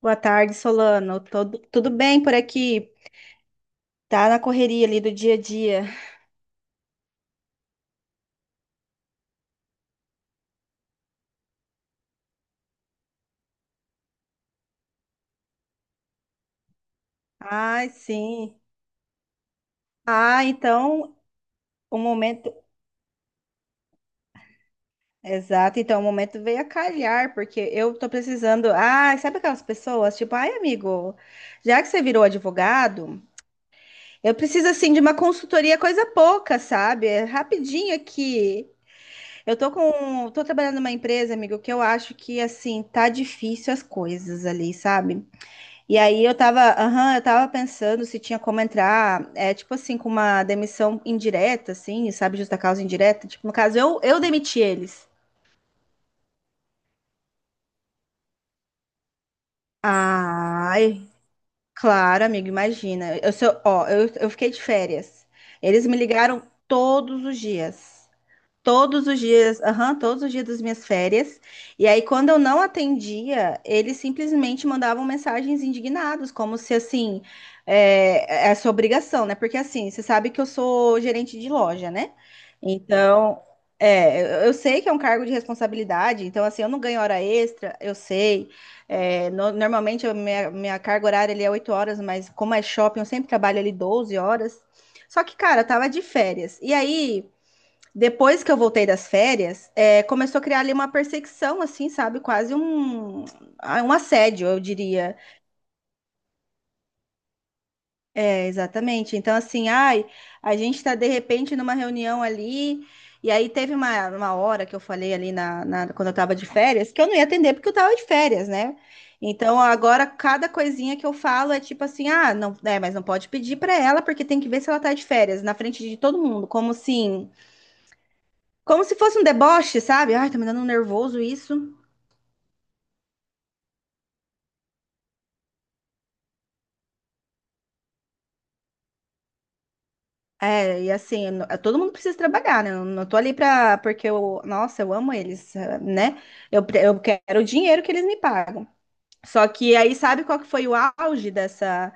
Boa tarde, Solano. Tudo bem por aqui? Tá na correria ali do dia a dia. Ai, sim. Ah, então o momento. Exato, então o momento veio a calhar, porque eu tô precisando. Ah, sabe aquelas pessoas? Tipo, ai, amigo, já que você virou advogado, eu preciso assim de uma consultoria, coisa pouca, sabe? É rapidinho aqui. Eu tô com. Tô trabalhando numa empresa, amigo, que eu acho que assim, tá difícil as coisas ali, sabe? E aí eu tava, aham, eu tava pensando se tinha como entrar, é, tipo assim, com uma demissão indireta, assim, sabe, justa causa indireta. Tipo, no caso, eu demiti eles. Ai, claro, amigo, imagina. Eu sou, ó, eu fiquei de férias. Eles me ligaram todos os dias. Todos os dias, aham, todos os dias das minhas férias. E aí, quando eu não atendia, eles simplesmente mandavam mensagens indignados, como se assim, é, é sua obrigação, né? Porque assim, você sabe que eu sou gerente de loja, né? Então, é, eu sei que é um cargo de responsabilidade, então assim, eu não ganho hora extra, eu sei. É, normalmente, a minha carga horária ali é 8 horas, mas como é shopping, eu sempre trabalho ali 12 horas. Só que, cara, eu tava de férias. E aí. Depois que eu voltei das férias, é, começou a criar ali uma perseguição, assim, sabe? Quase um, ah, um assédio, eu diria. É, exatamente. Então, assim, ai, a gente tá de repente numa reunião ali. E aí teve uma hora que eu falei ali quando eu tava de férias, que eu não ia atender porque eu tava de férias, né? Então agora cada coisinha que eu falo é tipo assim, ah, não, é, mas não pode pedir pra ela porque tem que ver se ela tá de férias na frente de todo mundo, como assim, como se fosse um deboche, sabe? Ai, tá me dando um nervoso isso. É, e assim, eu todo mundo precisa trabalhar, né? Eu não tô ali pra, porque eu, nossa, eu amo eles, eh, né? Eu, eu quero o dinheiro que eles me pagam. Só que aí, sabe qual que foi o auge dessa,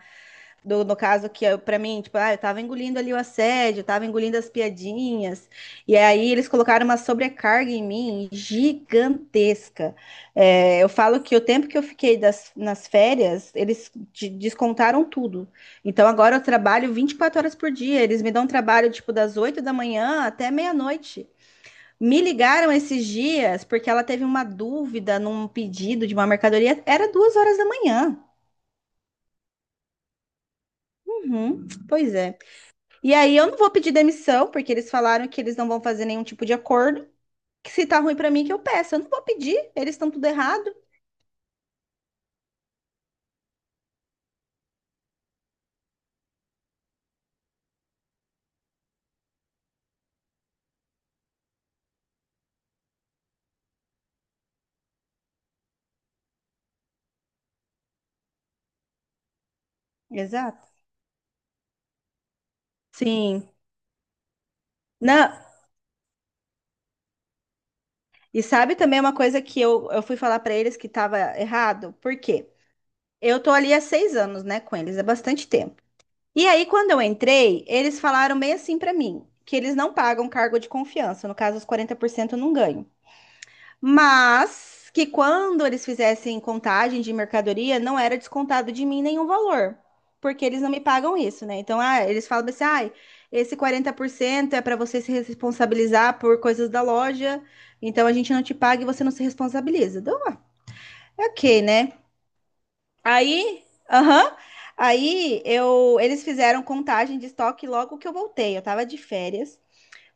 no caso pra mim, tipo, ah, eu tava engolindo ali o assédio, eu tava engolindo as piadinhas, e aí eles colocaram uma sobrecarga em mim gigantesca. É, eu falo que o tempo que eu fiquei nas férias, eles descontaram tudo. Então agora eu trabalho 24 horas por dia, eles me dão trabalho, tipo, das 8 da manhã até meia-noite. Me ligaram esses dias porque ela teve uma dúvida num pedido de uma mercadoria, era 2 horas da manhã. Uhum, pois é. E aí eu não vou pedir demissão, porque eles falaram que eles não vão fazer nenhum tipo de acordo. Que se tá ruim pra mim, que eu peço. Eu não vou pedir, eles estão tudo errado. Exato. Sim. Não. E sabe também uma coisa que eu fui falar pra eles que tava errado? Por quê? Eu tô ali há 6 anos, né, com eles, é bastante tempo. E aí, quando eu entrei, eles falaram bem assim pra mim, que eles não pagam cargo de confiança. No caso, os 40% eu não ganho. Mas que quando eles fizessem contagem de mercadoria, não era descontado de mim nenhum valor, porque eles não me pagam isso, né? Então, ah, eles falam assim, ai, esse 40% é para você se responsabilizar por coisas da loja, então a gente não te paga e você não se responsabiliza. Então, é ok, né? Aí, aham, aí eu, eles fizeram contagem de estoque logo que eu voltei, eu tava de férias.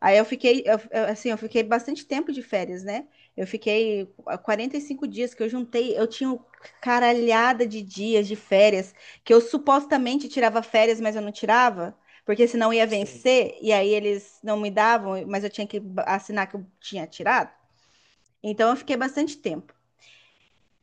Aí eu fiquei, assim, eu fiquei bastante tempo de férias, né? Eu fiquei 45 dias que eu juntei, eu tinha um caralhada de dias de férias, que eu supostamente tirava férias, mas eu não tirava, porque senão ia, sim, vencer, e aí eles não me davam, mas eu tinha que assinar que eu tinha tirado. Então eu fiquei bastante tempo.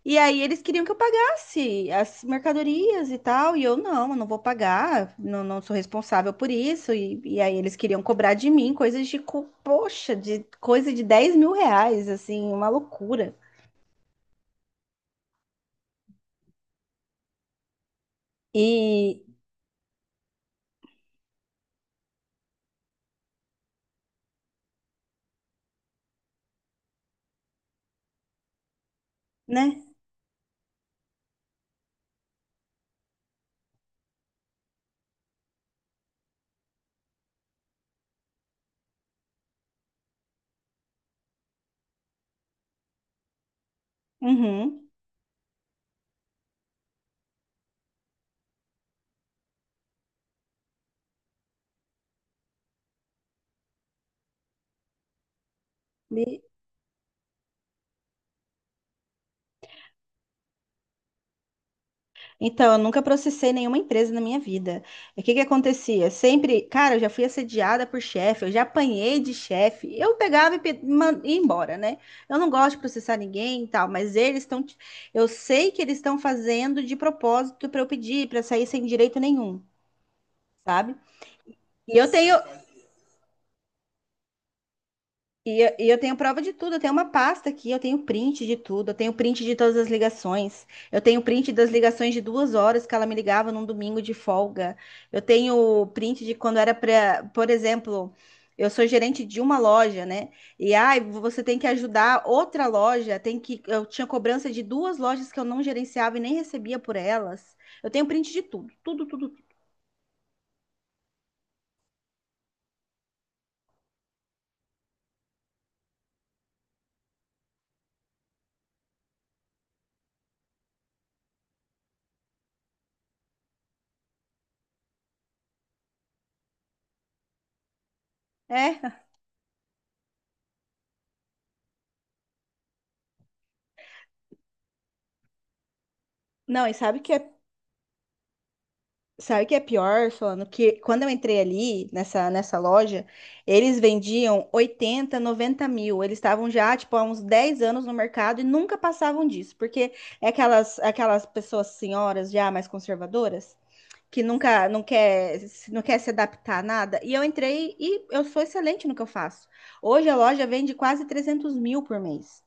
E aí eles queriam que eu pagasse as mercadorias e tal, e eu não vou pagar, não, não sou responsável por isso. E aí eles queriam cobrar de mim coisas de, poxa, de coisa de 10 mil reais, assim, uma loucura. E, né? Uhum. Então, eu nunca processei nenhuma empresa na minha vida. E o que que acontecia? Sempre, cara, eu já fui assediada por chefe, eu já apanhei de chefe. Eu pegava e ia embora, né? Eu não gosto de processar ninguém e tal, mas eles estão, eu sei que eles estão fazendo de propósito para eu pedir, para sair sem direito nenhum, sabe? E eu tenho, e eu tenho prova de tudo, eu tenho uma pasta aqui, eu tenho print de tudo, eu tenho print de todas as ligações, eu tenho print das ligações de 2 horas que ela me ligava num domingo de folga, eu tenho print de quando era pra, por exemplo, eu sou gerente de uma loja, né? E ai, você tem que ajudar outra loja, tem que, eu tinha cobrança de duas lojas que eu não gerenciava e nem recebia por elas. Eu tenho print de tudo, tudo, tudo, tudo. É, não, e sabe que é. Sabe o que é pior, falando que quando eu entrei ali nessa loja, eles vendiam 80, 90 mil. Eles estavam já, tipo, há uns 10 anos no mercado e nunca passavam disso, porque é aquelas, aquelas pessoas senhoras já mais conservadoras que nunca não quer, não quer se adaptar a nada. E eu entrei e eu sou excelente no que eu faço. Hoje a loja vende quase 300 mil por mês.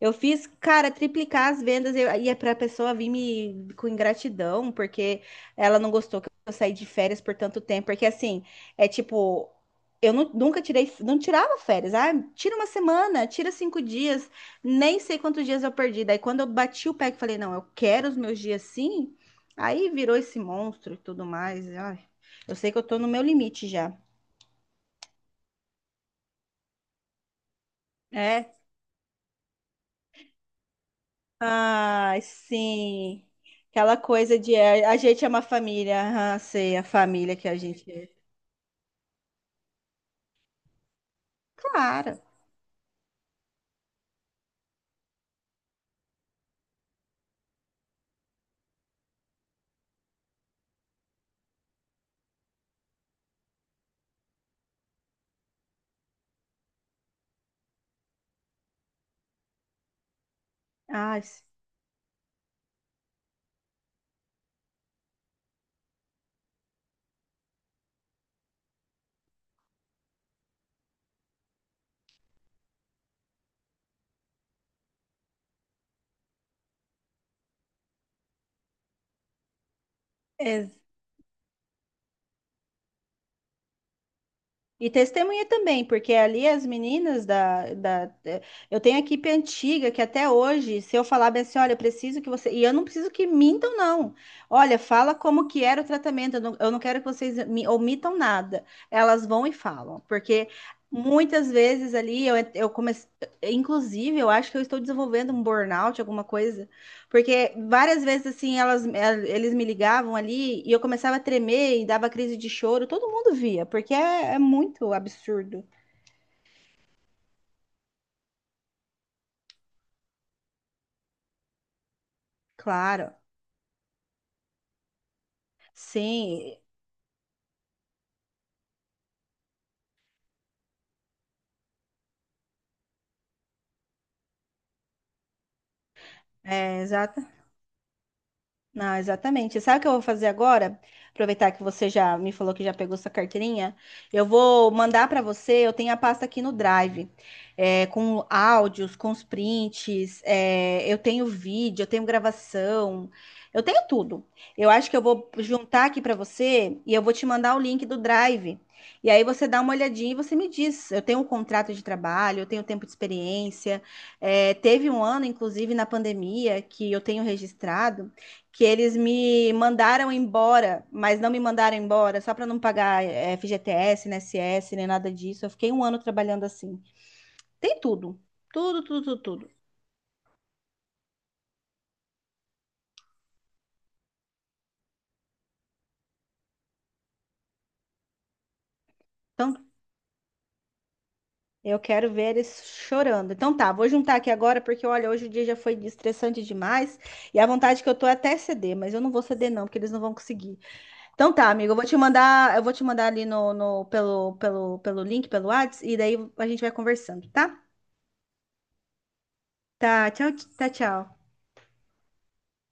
Eu fiz, cara, triplicar as vendas e é pra pessoa vir me com ingratidão, porque ela não gostou que eu saí de férias por tanto tempo. Porque assim, é tipo, eu nunca tirei, não tirava férias. Ah, tira uma semana, tira 5 dias, nem sei quantos dias eu perdi. Daí quando eu bati o pé que falei, não, eu quero os meus dias sim, aí virou esse monstro e tudo mais. Ai, eu sei que eu tô no meu limite já. É. Ai, sim. Aquela coisa de é, a gente é uma família, ah, sei, a família que a gente é. Claro. Ai, e testemunha também, porque ali as meninas da. Eu tenho a equipe antiga que até hoje, se eu falar bem assim, olha, eu preciso que você. E eu não preciso que mintam, não. Olha, fala como que era o tratamento. Eu não quero que vocês me omitam nada. Elas vão e falam. Porque muitas vezes ali eu comecei. Inclusive, eu acho que eu estou desenvolvendo um burnout, alguma coisa porque várias vezes, assim, elas, eles me ligavam ali e eu começava a tremer e dava crise de choro. Todo mundo via, porque é, é muito absurdo. Claro, sim, é. Não, exatamente. Sabe o que eu vou fazer agora? Aproveitar que você já me falou que já pegou sua carteirinha. Eu vou mandar para você. Eu tenho a pasta aqui no Drive, é, com áudios, com os prints. É, eu tenho vídeo, eu tenho gravação, eu tenho tudo. Eu acho que eu vou juntar aqui para você e eu vou te mandar o link do Drive. E aí você dá uma olhadinha e você me diz. Eu tenho um contrato de trabalho, eu tenho tempo de experiência. É, teve um ano, inclusive, na pandemia, que eu tenho registrado que eles me mandaram embora, mas não me mandaram embora só para não pagar FGTS, INSS, nem nada disso. Eu fiquei um ano trabalhando assim. Tem tudo, tudo, tudo, tudo, tudo. Então, eu quero ver eles chorando. Então tá, vou juntar aqui agora porque olha, hoje o dia já foi estressante demais e a vontade que eu tô é até ceder, mas eu não vou ceder não, porque eles não vão conseguir. Então tá, amigo, eu vou te mandar, eu vou te mandar ali no, pelo link, pelo WhatsApp e daí a gente vai conversando, tá? Tá, tchau, tá, tchau.